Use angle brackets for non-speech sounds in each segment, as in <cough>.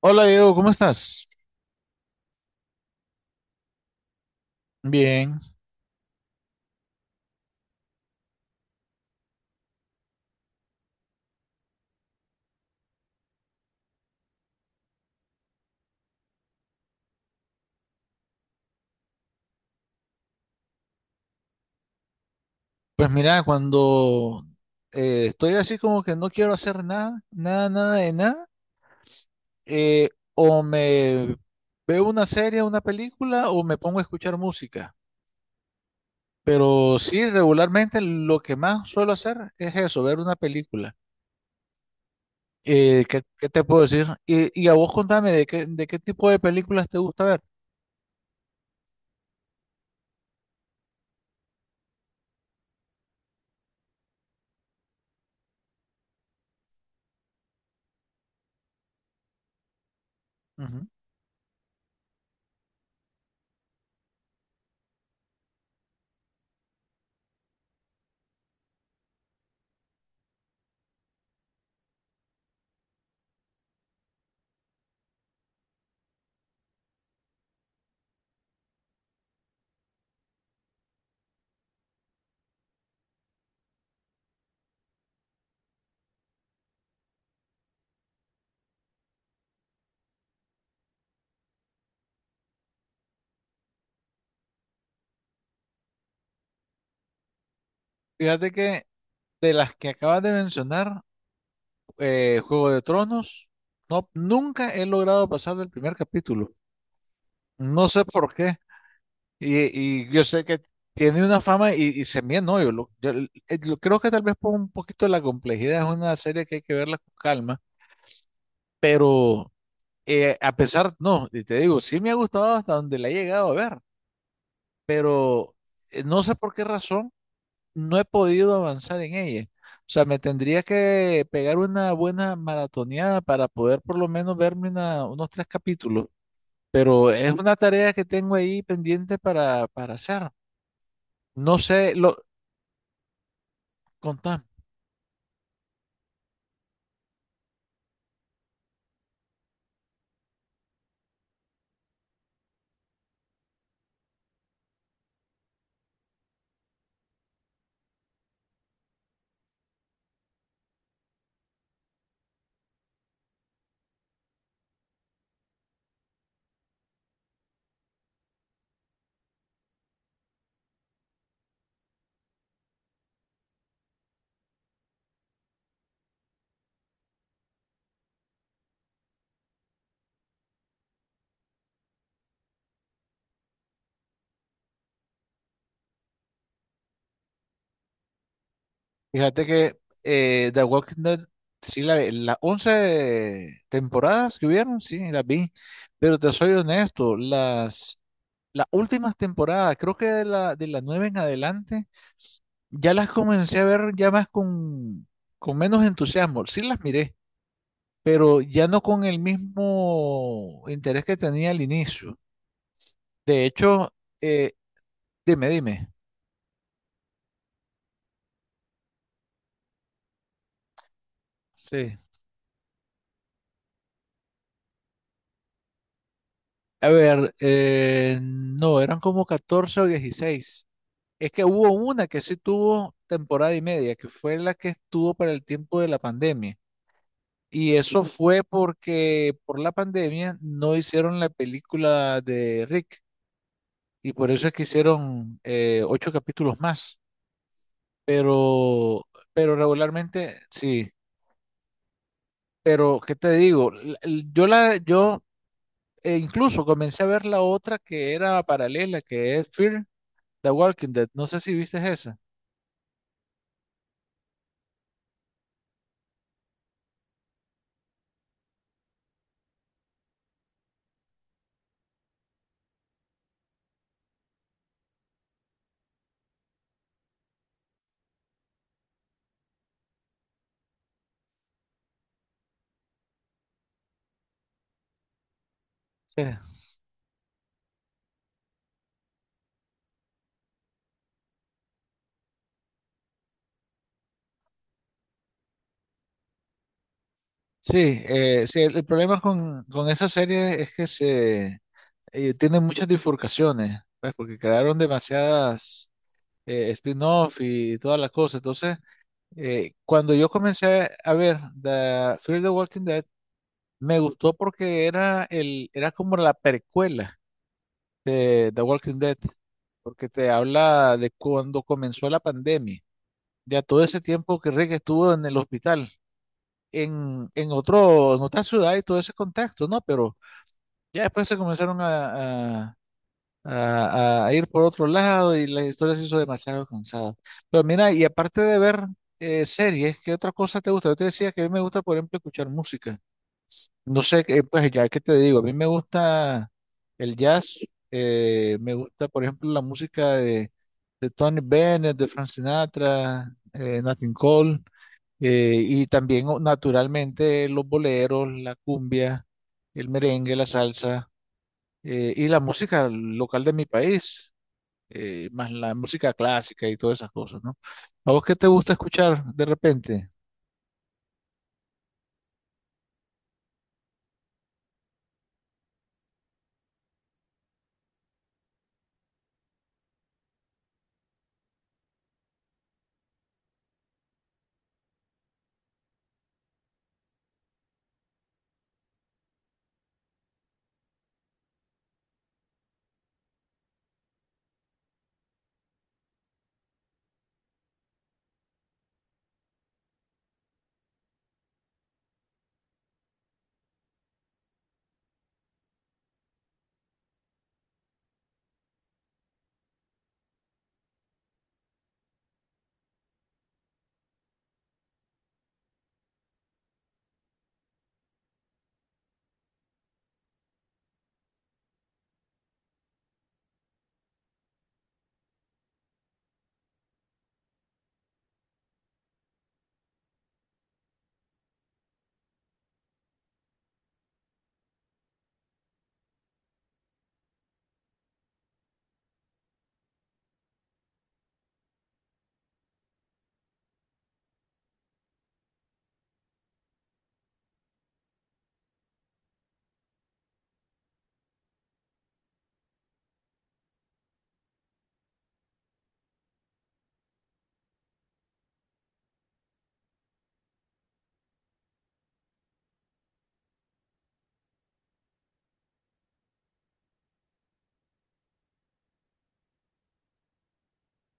Hola Diego, ¿cómo estás? Bien. Pues mira, cuando estoy así como que no quiero hacer nada, nada, nada de nada, eh, o me veo una serie, una película, o me pongo a escuchar música. Pero sí, regularmente lo que más suelo hacer es eso, ver una película. ¿Qué te puedo decir? Y a vos contame, ¿de de qué tipo de películas te gusta ver? Ujú. Fíjate que de las que acabas de mencionar, Juego de Tronos. No, nunca he logrado pasar del primer capítulo. No sé por qué. Y yo sé que tiene una fama y se me no, yo creo que tal vez por un poquito de la complejidad es una serie que hay que verla con calma, pero a pesar, no, y te digo, sí me ha gustado hasta donde la he llegado a ver, pero no sé por qué razón no he podido avanzar en ella. O sea, me tendría que pegar una buena maratoneada para poder por lo menos verme unos tres capítulos. Pero es una tarea que tengo ahí pendiente para hacer. No sé, lo contame. Fíjate que The Walking Dead, sí, la, las 11 temporadas que hubieron, sí, las vi. Pero te soy honesto, las últimas temporadas, creo que de la 9 en adelante. Ya las comencé a ver ya más con menos entusiasmo. Sí las miré, pero ya no con el mismo interés que tenía al inicio. De hecho, eh, dime, dime. Sí. A ver, no, eran como 14 o 16. Es que hubo una que sí tuvo temporada y media, que fue la que estuvo para el tiempo de la pandemia. Y eso fue porque por la pandemia no hicieron la película de Rick. Y por eso es que hicieron 8 capítulos más. Pero, pero regularmente sí. Pero, ¿qué te digo? Yo incluso comencé a ver la otra que era paralela, que es Fear the Walking Dead. No sé si viste esa. Sí. Sí, sí, el problema con esa serie es que se tiene muchas bifurcaciones, pues, porque crearon demasiadas spin-off y todas las cosas. Entonces, cuando yo comencé a ver The Fear the Walking Dead, me gustó porque era como la precuela de The Walking Dead, porque te habla de cuando comenzó la pandemia, ya todo ese tiempo que Rick estuvo en el hospital, en otro, en otra ciudad y todo ese contexto, ¿no? Pero ya después se comenzaron a ir por otro lado y la historia se hizo demasiado cansada. Pero mira, y aparte de ver series, ¿qué otra cosa te gusta? Yo te decía que a mí me gusta, por ejemplo, escuchar música. No sé, qué, pues ya que te digo, a mí me gusta el jazz, me gusta, por ejemplo, la música de Tony Bennett, de Frank Sinatra, Nat King Cole, y también, naturalmente, los boleros, la cumbia, el merengue, la salsa, y la música local de mi país más la música clásica y todas esas cosas, ¿no? ¿A vos qué te gusta escuchar de repente?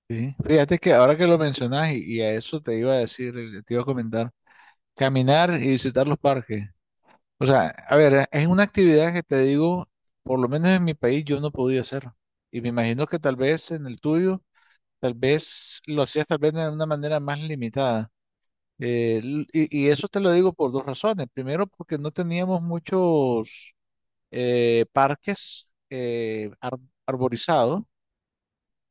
Sí. Fíjate que ahora que lo mencionas y a eso te iba a decir, te iba a comentar, caminar y visitar los parques. O sea, a ver, es una actividad que te digo, por lo menos en mi país yo no podía hacer. Y me imagino que tal vez en el tuyo, tal vez lo hacías tal vez de una manera más limitada. Y eso te lo digo por dos razones. Primero, porque no teníamos muchos parques arborizados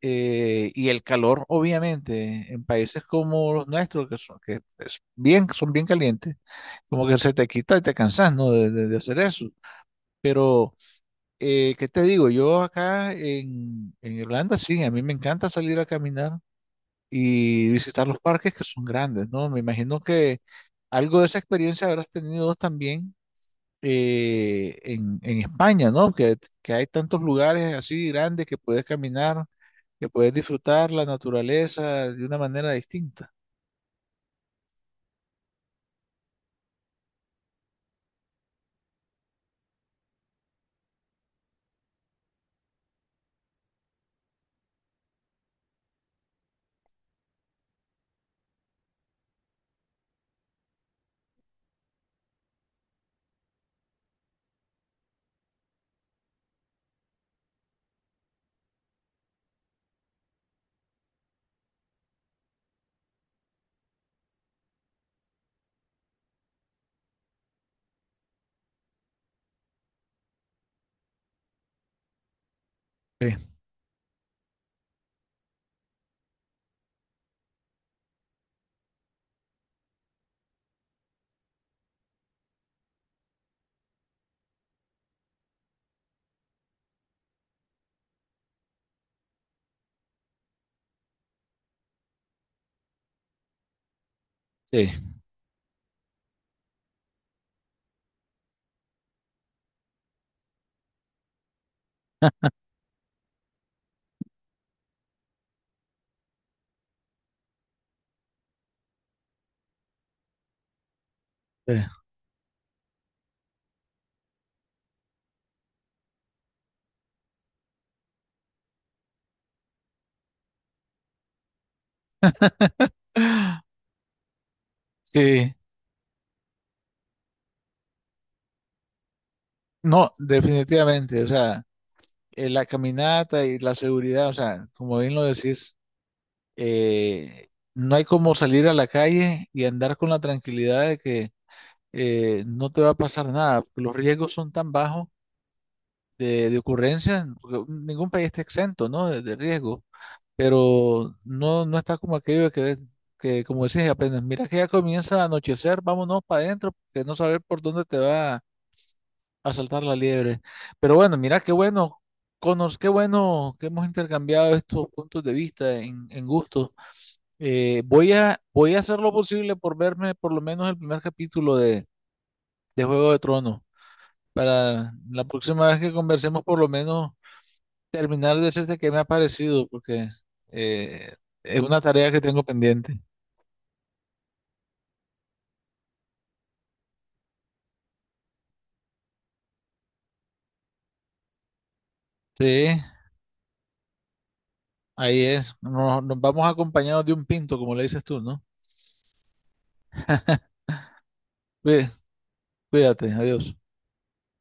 y el calor, obviamente, en países como los nuestros, que son, que es bien, son bien calientes, como que se te quita y te cansas, ¿no? de, de hacer eso. Pero, ¿qué te digo? Yo acá en Irlanda, sí, a mí me encanta salir a caminar y visitar los parques que son grandes, ¿no? Me imagino que algo de esa experiencia habrás tenido también en España, ¿no? Que hay tantos lugares así grandes que puedes caminar, que puedes disfrutar la naturaleza de una manera distinta. Sí, sí, <laughs> sí. Sí, no, definitivamente, o sea, la caminata y la seguridad, o sea, como bien lo decís, no hay como salir a la calle y andar con la tranquilidad de que no te va a pasar nada, porque los riesgos son tan bajos de ocurrencias, porque ningún país está exento, ¿no? De riesgo, pero no, no está como aquello de que, como decís, apenas mira que ya comienza a anochecer, vámonos para adentro, porque no sabes por dónde te va a saltar la liebre. Pero bueno, mira qué bueno, conos, qué bueno que hemos intercambiado estos puntos de vista en gusto. Voy a, voy a hacer lo posible por verme por lo menos el primer capítulo de Juego de Tronos. Para la próxima vez que conversemos, por lo menos terminar de decirte qué me ha parecido, porque eh, es una tarea que tengo pendiente. Sí, ahí es. Nos, nos vamos acompañados de un pinto, como le dices tú, ¿no? Cuí- Cuídate, adiós.